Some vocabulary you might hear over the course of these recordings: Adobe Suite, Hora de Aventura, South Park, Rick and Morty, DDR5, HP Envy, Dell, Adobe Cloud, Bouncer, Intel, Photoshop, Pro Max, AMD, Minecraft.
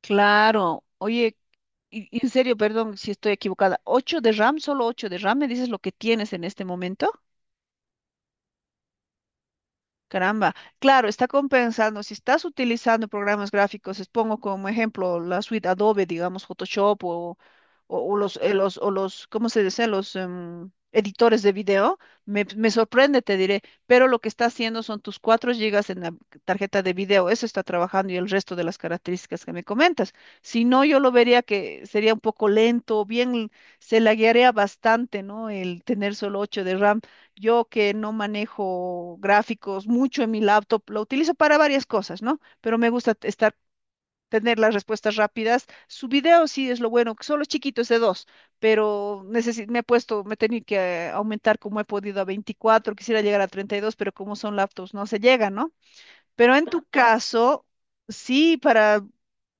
Claro, oye, y en serio, perdón si estoy equivocada. ¿8 de RAM? ¿Solo 8 de RAM? ¿solo ocho de ram me dices lo que tienes en este momento? Caramba, claro, está compensando. Si estás utilizando programas gráficos, les pongo como ejemplo la suite Adobe, digamos Photoshop o, o los, ¿cómo se dice? Los editores de video. Me sorprende, te diré, pero lo que está haciendo son tus 4 gigas en la tarjeta de video, eso está trabajando y el resto de las características que me comentas. Si no, yo lo vería que sería un poco lento, bien, se laguearía bastante, ¿no? El tener solo 8 de RAM, yo que no manejo gráficos mucho en mi laptop, lo utilizo para varias cosas, ¿no? Pero me gusta estar, tener las respuestas rápidas. Su video sí es lo bueno, que solo es chiquito, es de dos, pero me he tenido que aumentar como he podido a 24. Quisiera llegar a 32, pero como son laptops, no se llega, ¿no? Pero en tu caso, sí, para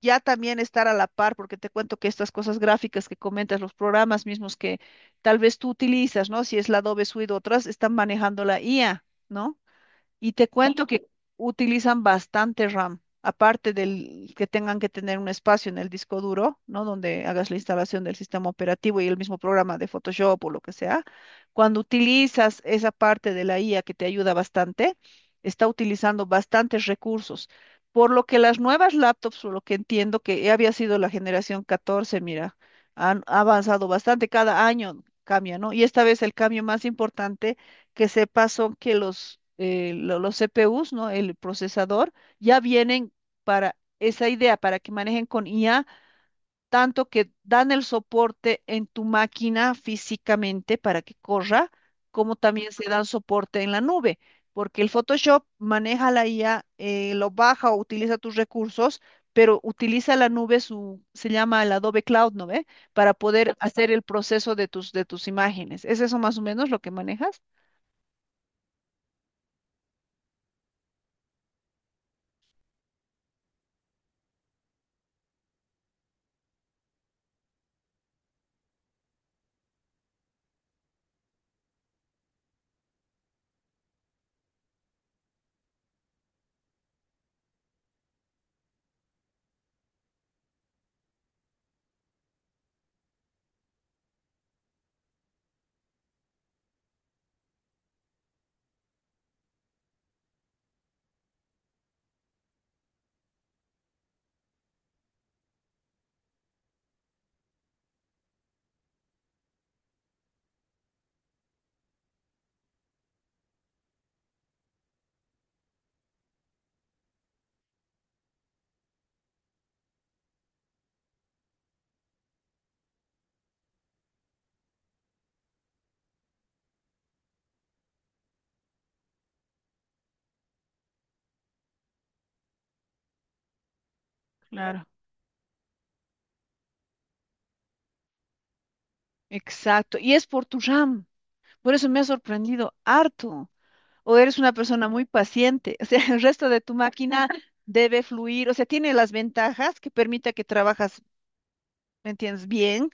ya también estar a la par, porque te cuento que estas cosas gráficas que comentas, los programas mismos que tal vez tú utilizas, ¿no? Si es la Adobe Suite o otras, están manejando la IA, ¿no? Y te cuento que utilizan bastante RAM, aparte del que tengan que tener un espacio en el disco duro, ¿no? Donde hagas la instalación del sistema operativo y el mismo programa de Photoshop o lo que sea. Cuando utilizas esa parte de la IA que te ayuda bastante, está utilizando bastantes recursos. Por lo que las nuevas laptops, por lo que entiendo que ya había sido la generación 14, mira, han ha avanzado bastante, cada año cambia, ¿no? Y esta vez el cambio más importante que sepas son que los CPUs, ¿no? El procesador, ya vienen para esa idea, para que manejen con IA, tanto que dan el soporte en tu máquina físicamente para que corra, como también se dan soporte en la nube, porque el Photoshop maneja la IA. Lo baja o utiliza tus recursos, pero utiliza la nube. Se llama el Adobe Cloud, ¿no ve? Para poder hacer el proceso de tus imágenes. ¿Es eso más o menos lo que manejas? Claro. Exacto, y es por tu RAM. Por eso me ha sorprendido harto. O eres una persona muy paciente. O sea, el resto de tu máquina debe fluir. O sea, tiene las ventajas que permita que trabajas, ¿me entiendes? Bien,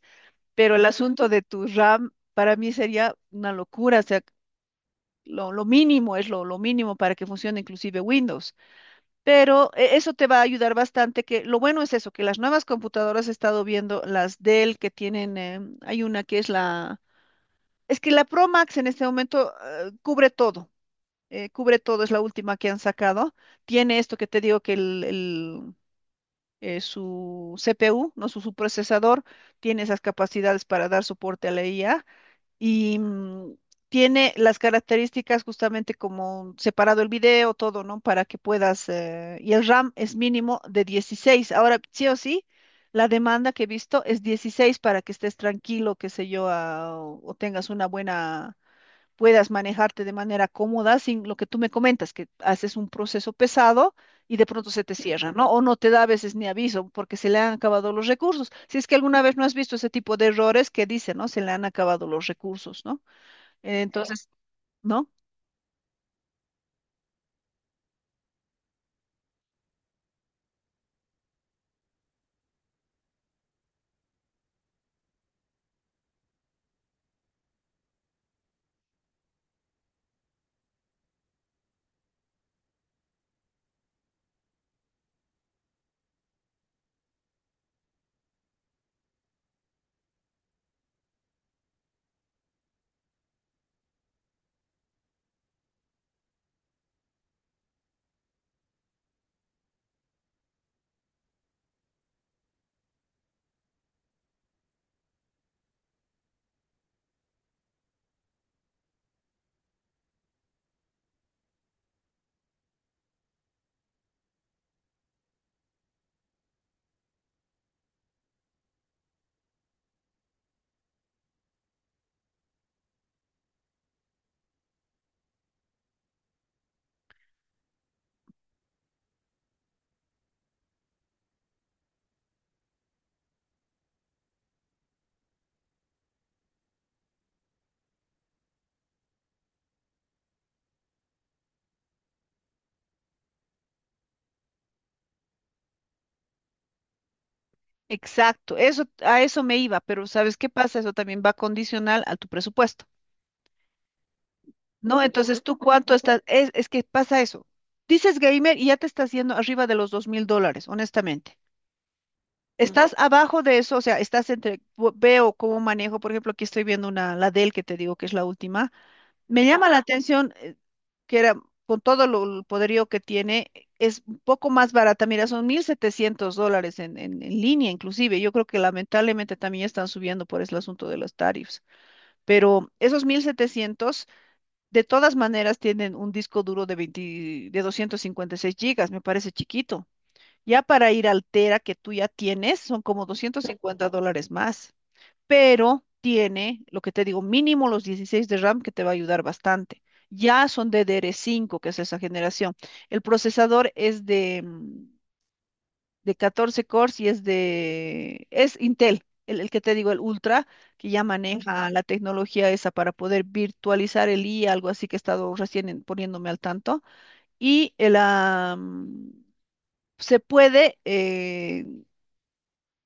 pero el asunto de tu RAM para mí sería una locura. O sea, lo mínimo es lo mínimo para que funcione inclusive Windows. Pero eso te va a ayudar bastante, que lo bueno es eso, que las nuevas computadoras he estado viendo, las Dell que tienen, hay una que es la... Es que la Pro Max en este momento cubre todo, es la última que han sacado. Tiene esto que te digo que su CPU, no su procesador, tiene esas capacidades para dar soporte a la IA, y tiene las características justamente como separado el video, todo, ¿no? Para que puedas, y el RAM es mínimo de 16. Ahora, sí o sí. La demanda que he visto es 16 para que estés tranquilo, qué sé yo, o tengas una buena, puedas manejarte de manera cómoda sin lo que tú me comentas, que haces un proceso pesado y de pronto se te cierra, ¿no? O no te da a veces ni aviso porque se le han acabado los recursos. Si es que alguna vez no has visto ese tipo de errores que dicen, ¿no? Se le han acabado los recursos, ¿no? Entonces, ¿no? Exacto, eso, a eso me iba, pero ¿sabes qué pasa? Eso también va condicional a tu presupuesto, ¿no? Entonces, ¿tú cuánto estás? Es que pasa eso. Dices gamer y ya te estás yendo arriba de los $2,000, honestamente. Estás abajo de eso, o sea, estás entre, veo cómo manejo, por ejemplo, aquí estoy viendo la Dell que te digo que es la última. Me llama la atención, que era, con todo el poderío que tiene, es un poco más barata. Mira, son $1,700 en línea inclusive. Yo creo que lamentablemente también están subiendo por el asunto de los tarifs. Pero esos 1,700 de todas maneras, tienen un disco duro de 256 gigas, me parece chiquito. Ya para ir al Tera que tú ya tienes, son como $250 más, pero tiene, lo que te digo, mínimo los 16 de RAM que te va a ayudar bastante. Ya son DDR5, que es esa generación. El procesador es de 14 cores y es Intel, el que te digo, el Ultra, que ya maneja la tecnología esa para poder virtualizar el IA, algo así que he estado recién poniéndome al tanto. Y el, ah, mm, Se puede,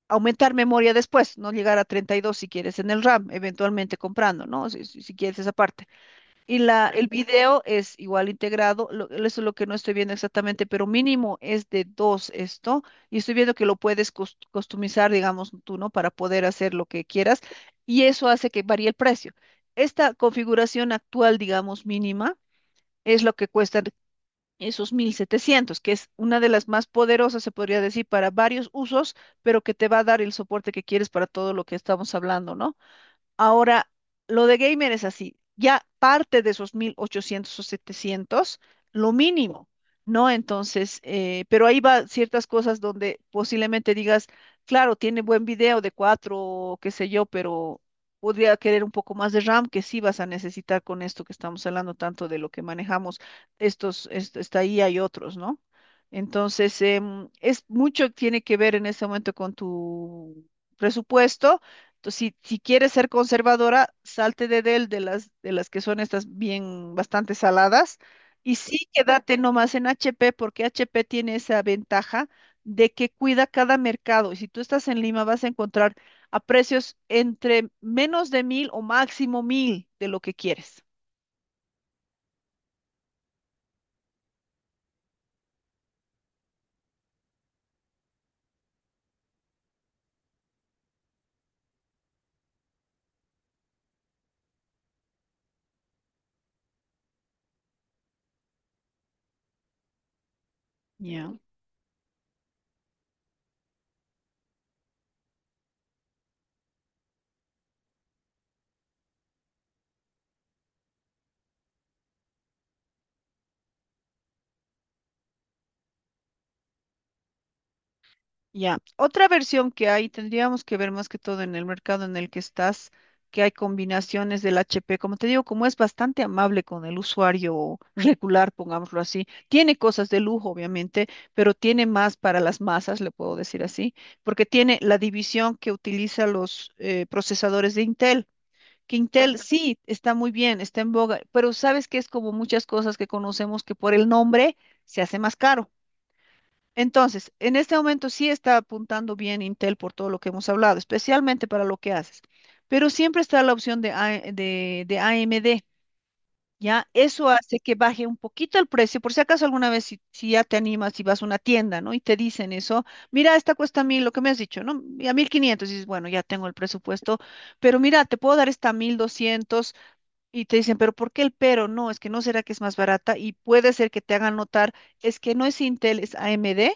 aumentar memoria después, no llegar a 32 si quieres en el RAM, eventualmente comprando, ¿no? Si quieres esa parte. Y el video es igual integrado, eso es lo que no estoy viendo exactamente, pero mínimo es de dos esto, y estoy viendo que lo puedes customizar, digamos tú, ¿no? Para poder hacer lo que quieras, y eso hace que varíe el precio. Esta configuración actual, digamos, mínima. Es lo que cuesta esos 1,700, que es una de las más poderosas, se podría decir, para varios usos, pero que te va a dar el soporte que quieres para todo lo que estamos hablando, ¿no? Ahora, lo de gamer es así, ya parte de esos 1,800 o 1,700, lo mínimo, ¿no? Entonces, pero ahí va ciertas cosas donde posiblemente digas, claro, tiene buen video de 4, qué sé yo, pero podría querer un poco más de RAM que sí vas a necesitar con esto que estamos hablando tanto de lo que manejamos, esta IA y otros, ¿no? Entonces, es mucho, tiene que ver en este momento con tu presupuesto. Entonces, si quieres ser conservadora, salte de las que son estas bien bastante saladas, y sí quédate nomás en HP, porque HP tiene esa ventaja de que cuida cada mercado. Y si tú estás en Lima, vas a encontrar a precios entre menos de mil o máximo mil de lo que quieres. Ya. Ya, otra versión que hay, tendríamos que ver más que todo en el mercado en el que estás, que hay combinaciones del HP, como te digo, como es bastante amable con el usuario regular, pongámoslo así, tiene cosas de lujo, obviamente, pero tiene más para las masas, le puedo decir así, porque tiene la división que utiliza los procesadores de Intel. Que Intel sí está muy bien, está en boga, pero sabes que es como muchas cosas que conocemos que por el nombre se hace más caro. Entonces, en este momento sí está apuntando bien Intel por todo lo que hemos hablado, especialmente para lo que haces, pero siempre está la opción de AMD, ¿ya? Eso hace que baje un poquito el precio, por si acaso alguna vez si ya te animas y vas a una tienda, ¿no? Y te dicen eso, mira, esta cuesta mil, lo que me has dicho, ¿no? Y a 1,500, dices, bueno, ya tengo el presupuesto, pero mira, te puedo dar esta 1,200, y te dicen, pero ¿por qué el pero? No, es que no será que es más barata y puede ser que te hagan notar, es que no es Intel, es AMD.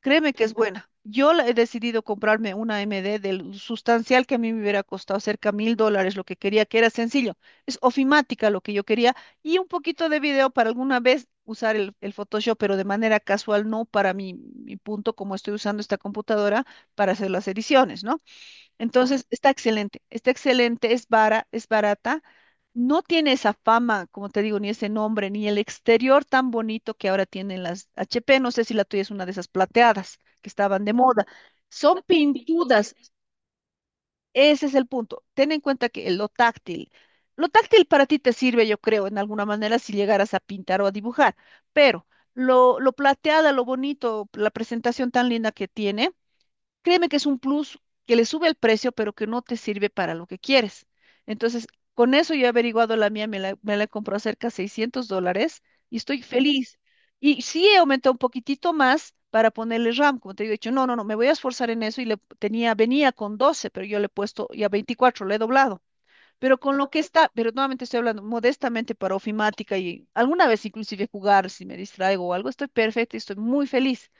Créeme que es buena. Yo he decidido comprarme una MD del sustancial que a mí me hubiera costado cerca de $1,000, lo que quería, que era sencillo. Es ofimática lo que yo quería y un poquito de video para alguna vez usar el Photoshop, pero de manera casual, no para mi punto, como estoy usando esta computadora para hacer las ediciones, ¿no? Entonces, está excelente, es es barata. No tiene esa fama, como te digo, ni ese nombre, ni el exterior tan bonito que ahora tienen las HP. No sé si la tuya es una de esas plateadas que estaban de moda. Son pintudas, ese es el punto. Ten en cuenta que lo táctil para ti te sirve, yo creo, en alguna manera si llegaras a pintar o a dibujar, pero lo plateada, lo bonito, la presentación tan linda que tiene. Créeme que es un plus que le sube el precio, pero que no te sirve para lo que quieres. Entonces, con eso yo he averiguado la mía, me la he comprado cerca de $600 y estoy feliz. Y sí he aumentado un poquitito más para ponerle RAM, como te digo, he dicho, no, no, no, me voy a esforzar en eso y venía con 12, pero yo le he puesto ya 24, le he doblado. Pero con lo que está, pero nuevamente estoy hablando modestamente para ofimática y alguna vez inclusive jugar, si me distraigo o algo, estoy perfecta y estoy muy feliz.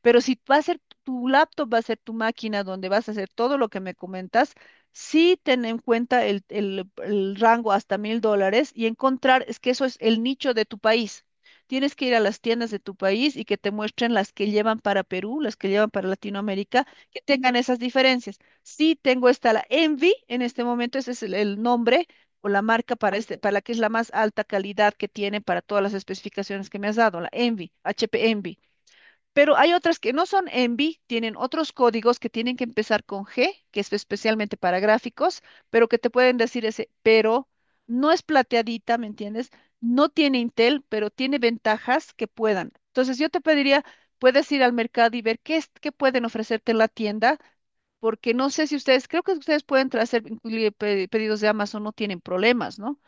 Pero si va a ser tu laptop, va a ser tu máquina donde vas a hacer todo lo que me comentas, sí ten en cuenta el rango hasta $1,000 y encontrar, es que eso es el nicho de tu país. Tienes que ir a las tiendas de tu país y que te muestren las que llevan para Perú, las que llevan para Latinoamérica, que tengan esas diferencias. Sí tengo esta, la Envy, en este momento ese es el nombre o la marca para la que es la más alta calidad que tiene para todas las especificaciones que me has dado, la Envy, HP Envy. Pero hay otras que no son ENVI, tienen otros códigos que tienen que empezar con G, que es especialmente para gráficos, pero que te pueden decir ese, pero no es plateadita, ¿me entiendes? No tiene Intel, pero tiene ventajas que puedan. Entonces yo te pediría, puedes ir al mercado y ver qué es, qué pueden ofrecerte en la tienda, porque no sé si ustedes, creo que ustedes pueden hacer incluye pedidos de Amazon, no tienen problemas, ¿no?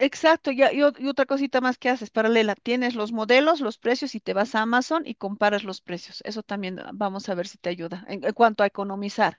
Exacto, ya, y otra cosita más que haces, paralela, tienes los modelos, los precios y te vas a Amazon y comparas los precios. Eso también, vamos a ver si te ayuda en cuanto a economizar.